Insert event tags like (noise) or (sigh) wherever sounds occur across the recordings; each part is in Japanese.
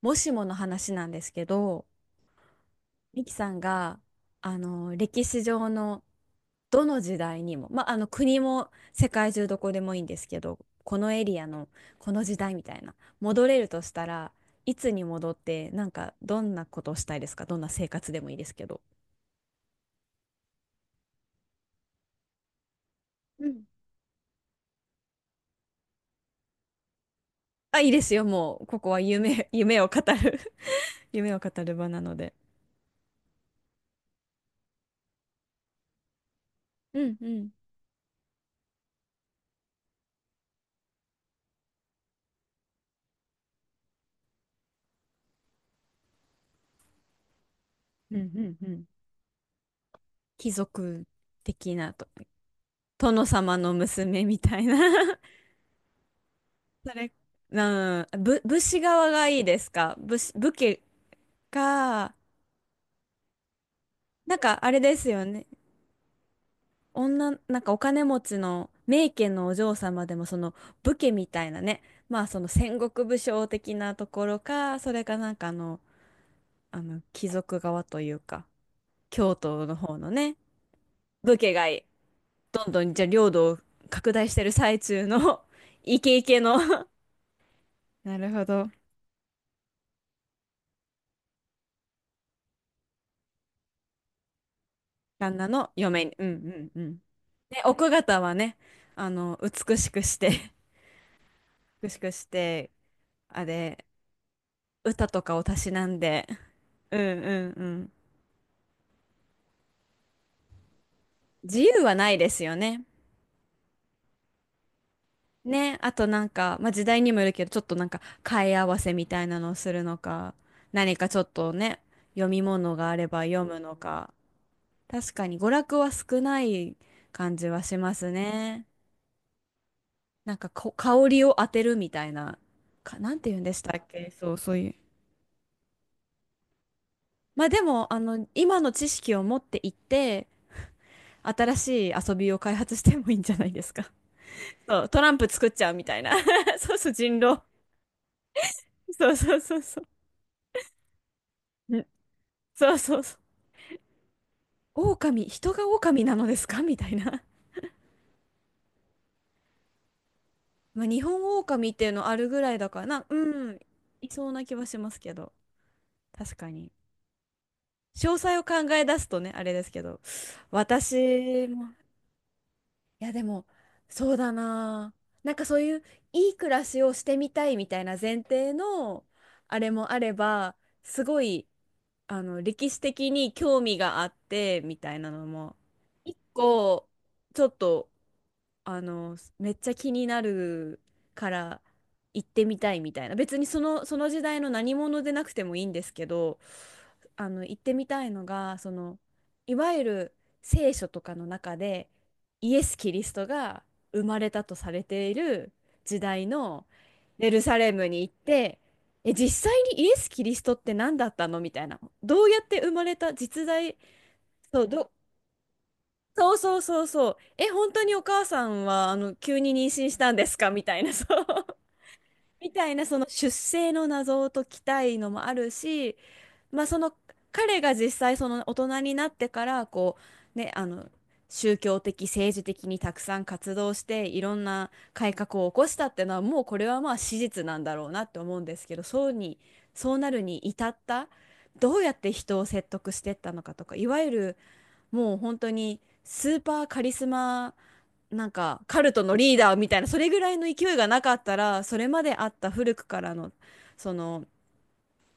もしもの話なんですけど、ミキさんが、歴史上のどの時代にも、国も世界中どこでもいいんですけど、このエリアのこの時代みたいな、戻れるとしたらいつに戻って、なんかどんなことをしたいですか？どんな生活でもいいですけど。うん。あ、いいですよ。もう、ここは夢を語る (laughs) 夢を語る場なので。うんうん。うんうんうん。貴族的なと、殿様の娘みたいな (laughs) それ、う武士側がいいですか？武士、武家か。なんかあれですよね。なんかお金持ちの名家のお嬢様でもその武家みたいなね、まあその戦国武将的なところか、それか、なんか貴族側というか、京都の方のね、武家がいい。どんどんじゃあ領土を拡大してる最中の (laughs) イケイケの (laughs) なるほど。旦那の嫁に。うんうんうん。ね、奥方はね、あの、美しくして、(laughs) 美しくして、あれ、歌とかをたしなんで、うんうんうん。自由はないですよね。ね、あとなんか、まあ、時代にもよるけど、ちょっとなんか、替え合わせみたいなのをするのか、何かちょっとね、読み物があれば読むのか、確かに娯楽は少ない感じはしますね。なんか、香りを当てるみたいな、なんて言うんでしたっけ？そう、そういう。まあでも、今の知識を持っていって、新しい遊びを開発してもいいんじゃないですか？(laughs) そう、トランプ作っちゃうみたいな。(laughs) そうそう、人狼。そうそうそうそう。ねそうそうそう。狼、人が狼なのですかみたいな。まあ、日本狼っていうのあるぐらいだからな、うん、いそうな気はしますけど。確かに。詳細を考え出すとね、あれですけど。私も、いやでもそうだなあ、なんかそういういい暮らしをしてみたいみたいな前提のあれもあれば、すごい歴史的に興味があってみたいなのも一個ちょっとめっちゃ気になるから行ってみたいみたいな、別にその時代の何者でなくてもいいんですけど、行ってみたいのがそのいわゆる聖書とかの中でイエス・キリストが生まれたとされている時代のエルサレムに行って、え、実際にイエス・キリストって何だったのみたいな、どうやって生まれた実在、そうどそうそうそうそう。え、本当にお母さんは、急に妊娠したんですか (laughs) みたいな、そう。(laughs) みたいな、その出生の謎を解きたいのもあるし、まあ、彼が実際、その大人になってから、う、ね、あの、宗教的、政治的にたくさん活動して、いろんな改革を起こしたっていうのは、もうこれはまあ史実なんだろうなって思うんですけど、そうに、そうなるに至った、どうやって人を説得してったのかとか、いわゆる、もう本当にスーパーカリスマ、なんかカルトのリーダーみたいな、それぐらいの勢いがなかったら、それまであった古くからの、その、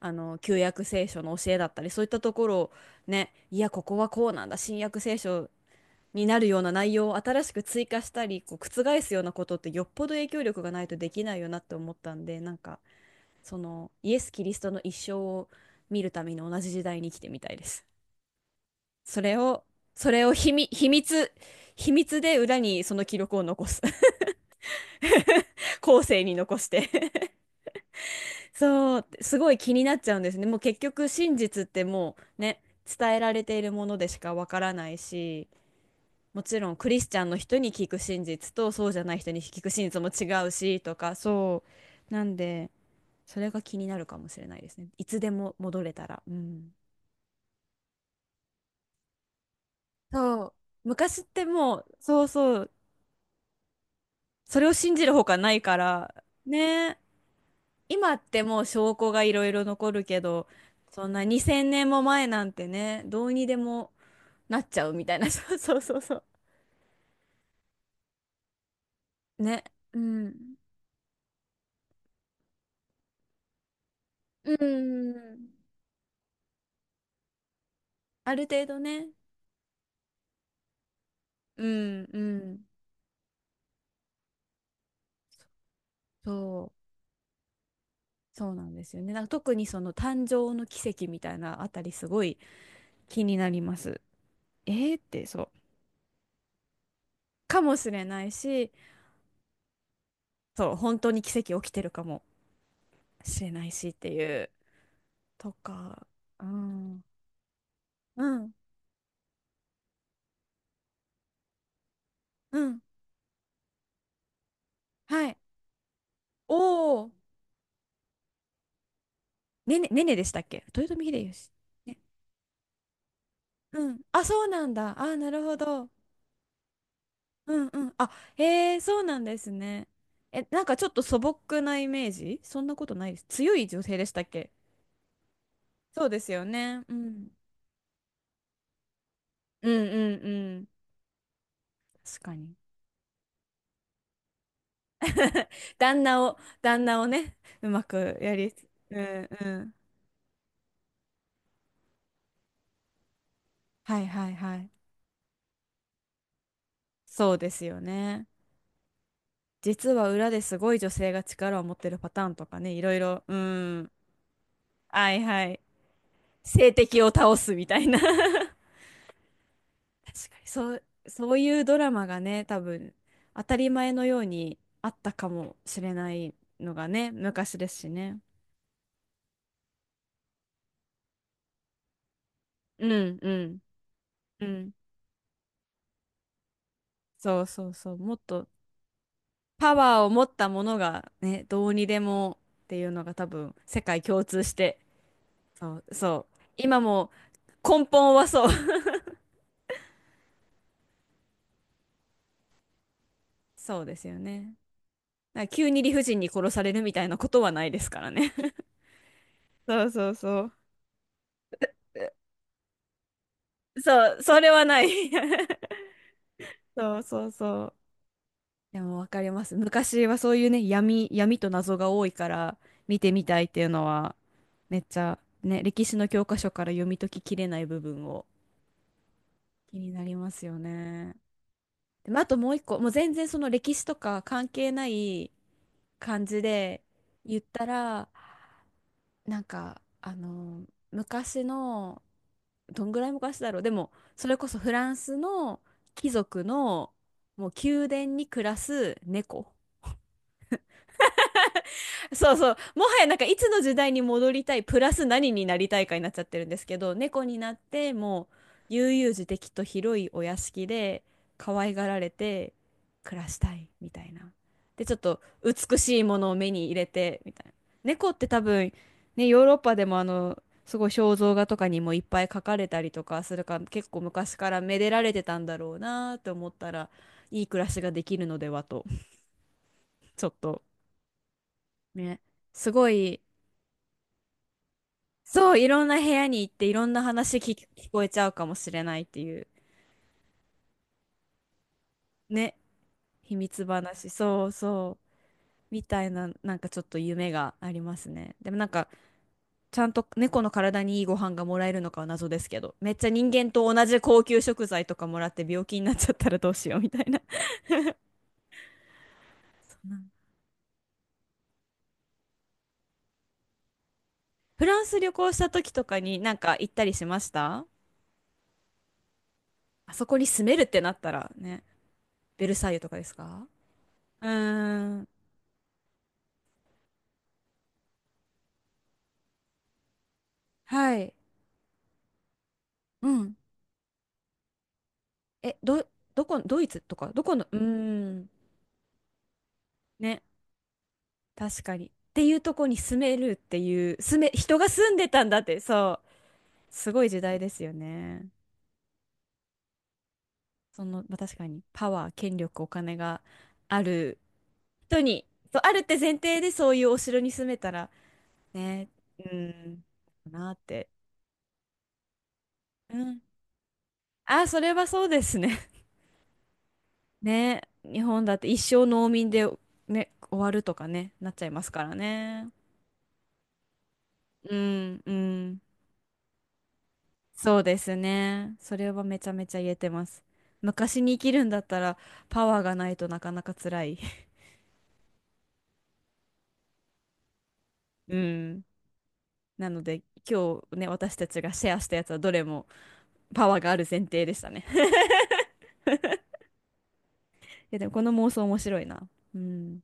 あの旧約聖書の教えだったりそういったところを、ね、いやここはこうなんだ、新約聖書になるような内容を新しく追加したり、こう覆すようなことってよっぽど影響力がないとできないよなって思ったんで、なんかそのイエス・キリストの一生を見るために同じ時代に生きてみたいです。それを、それを秘密、秘密、秘密で裏にその記録を残す。(laughs) 後世に残して (laughs) そう、すごい気になっちゃうんですね。もう結局真実ってもうね、伝えられているものでしかわからないし、もちろんクリスチャンの人に聞く真実とそうじゃない人に聞く真実も違うしとか、そう。なんで、それが気になるかもしれないですね。いつでも戻れたら。うん。そう。昔ってもう、そうそう、それを信じるほかないから、ねえ。今ってもう証拠がいろいろ残るけど、そんな2000年も前なんてね、どうにでもなっちゃうみたいな、(laughs) そうそうそうそう。ね。うん。うん。ある程度ね。うん、うん。そう、そうなんですよね。なんか特にその誕生の奇跡みたいなあたりすごい気になります。えーって、そう。かもしれないし、そう、本当に奇跡起きてるかもしれないしっていう。とか、うん、うん、うん、はい。おお、ねね、ねねでしたっけ？豊臣秀吉。ね、うん。あ、そうなんだ。あ、なるほど。うんうん。あ、へえ、そうなんですね。え、なんかちょっと素朴なイメージ、そんなことないです？強い女性でしたっけ？そうですよね。うん。うんうんうん。確かに。旦那を、旦那をね、うまくやり、うんうん。はいはいはい。そうですよね。実は裏ですごい女性が力を持ってるパターンとかね、いろいろ、うん。はいはい。性的を倒すみたいな (laughs) 確かに、そう、そういうドラマがね、多分、当たり前のようにあったかもしれないのがね、昔ですしね。うんうん。うん。そうそうそう。もっとパワーを持ったものがね、どうにでもっていうのが多分、世界共通して。そうそう。今も根本はそう。(laughs) そうですよね。なんか急に理不尽に殺されるみたいなことはないですからね。(laughs) そうそうそう。そう、それはない。(laughs) そうそうそう。でもわかります。昔はそういうね、闇と謎が多いから見てみたいっていうのは、めっちゃね、歴史の教科書から読み解ききれない部分を気になりますよね。でもあともう一個、もう全然その歴史とか関係ない感じで言ったら、なんか、昔のどんぐらい昔だろう。でも、それこそフランスの貴族の、もう宮殿に暮らす猫。そうそう。もはやなんかいつの時代に戻りたい、プラス何になりたいかになっちゃってるんですけど、猫になってもう悠々自適と広いお屋敷で可愛がられて暮らしたいみたいな。で、ちょっと美しいものを目に入れてみたいな。猫って多分ね、ヨーロッパでもすごい肖像画とかにもいっぱい描かれたりとかするから結構昔からめでられてたんだろうなと思ったら、いい暮らしができるのではと、ちょっとね、すごい。そう、いろんな部屋に行っていろんな話聞こえちゃうかもしれないっていうね、秘密話、そうそう、みたいな、なんかちょっと夢がありますね。でもなんか、ちゃんと猫の体にいいご飯がもらえるのかは謎ですけど、めっちゃ人間と同じ高級食材とかもらって病気になっちゃったらどうしようみたいな。そうなん、フランス旅行した時とかになんか行ったりしました？あそこに住めるってなったらね、ベルサイユとかですか？うーん、はい。うん、え、ど、どこ、ドイツとか、どこの、うーん、ね、確かに。っていうとこに住めるっていう、住め、人が住んでたんだって、そう、すごい時代ですよね。まあ、確かに、パワー、権力、お金がある人に、そう、あるって前提でそういうお城に住めたら、ね、うん、なって。うん。あ、それはそうですね。(laughs) ね、日本だって一生農民で、ね、終わるとかね、なっちゃいますからね。うん、うん。そうですね。それはめちゃめちゃ言えてます。昔に生きるんだったらパワーがないとなかなか辛い。(laughs) うん。なので今日ね、私たちがシェアしたやつはどれもパワーがある前提でしたね。(laughs) いやでもこの妄想面白いな。うん。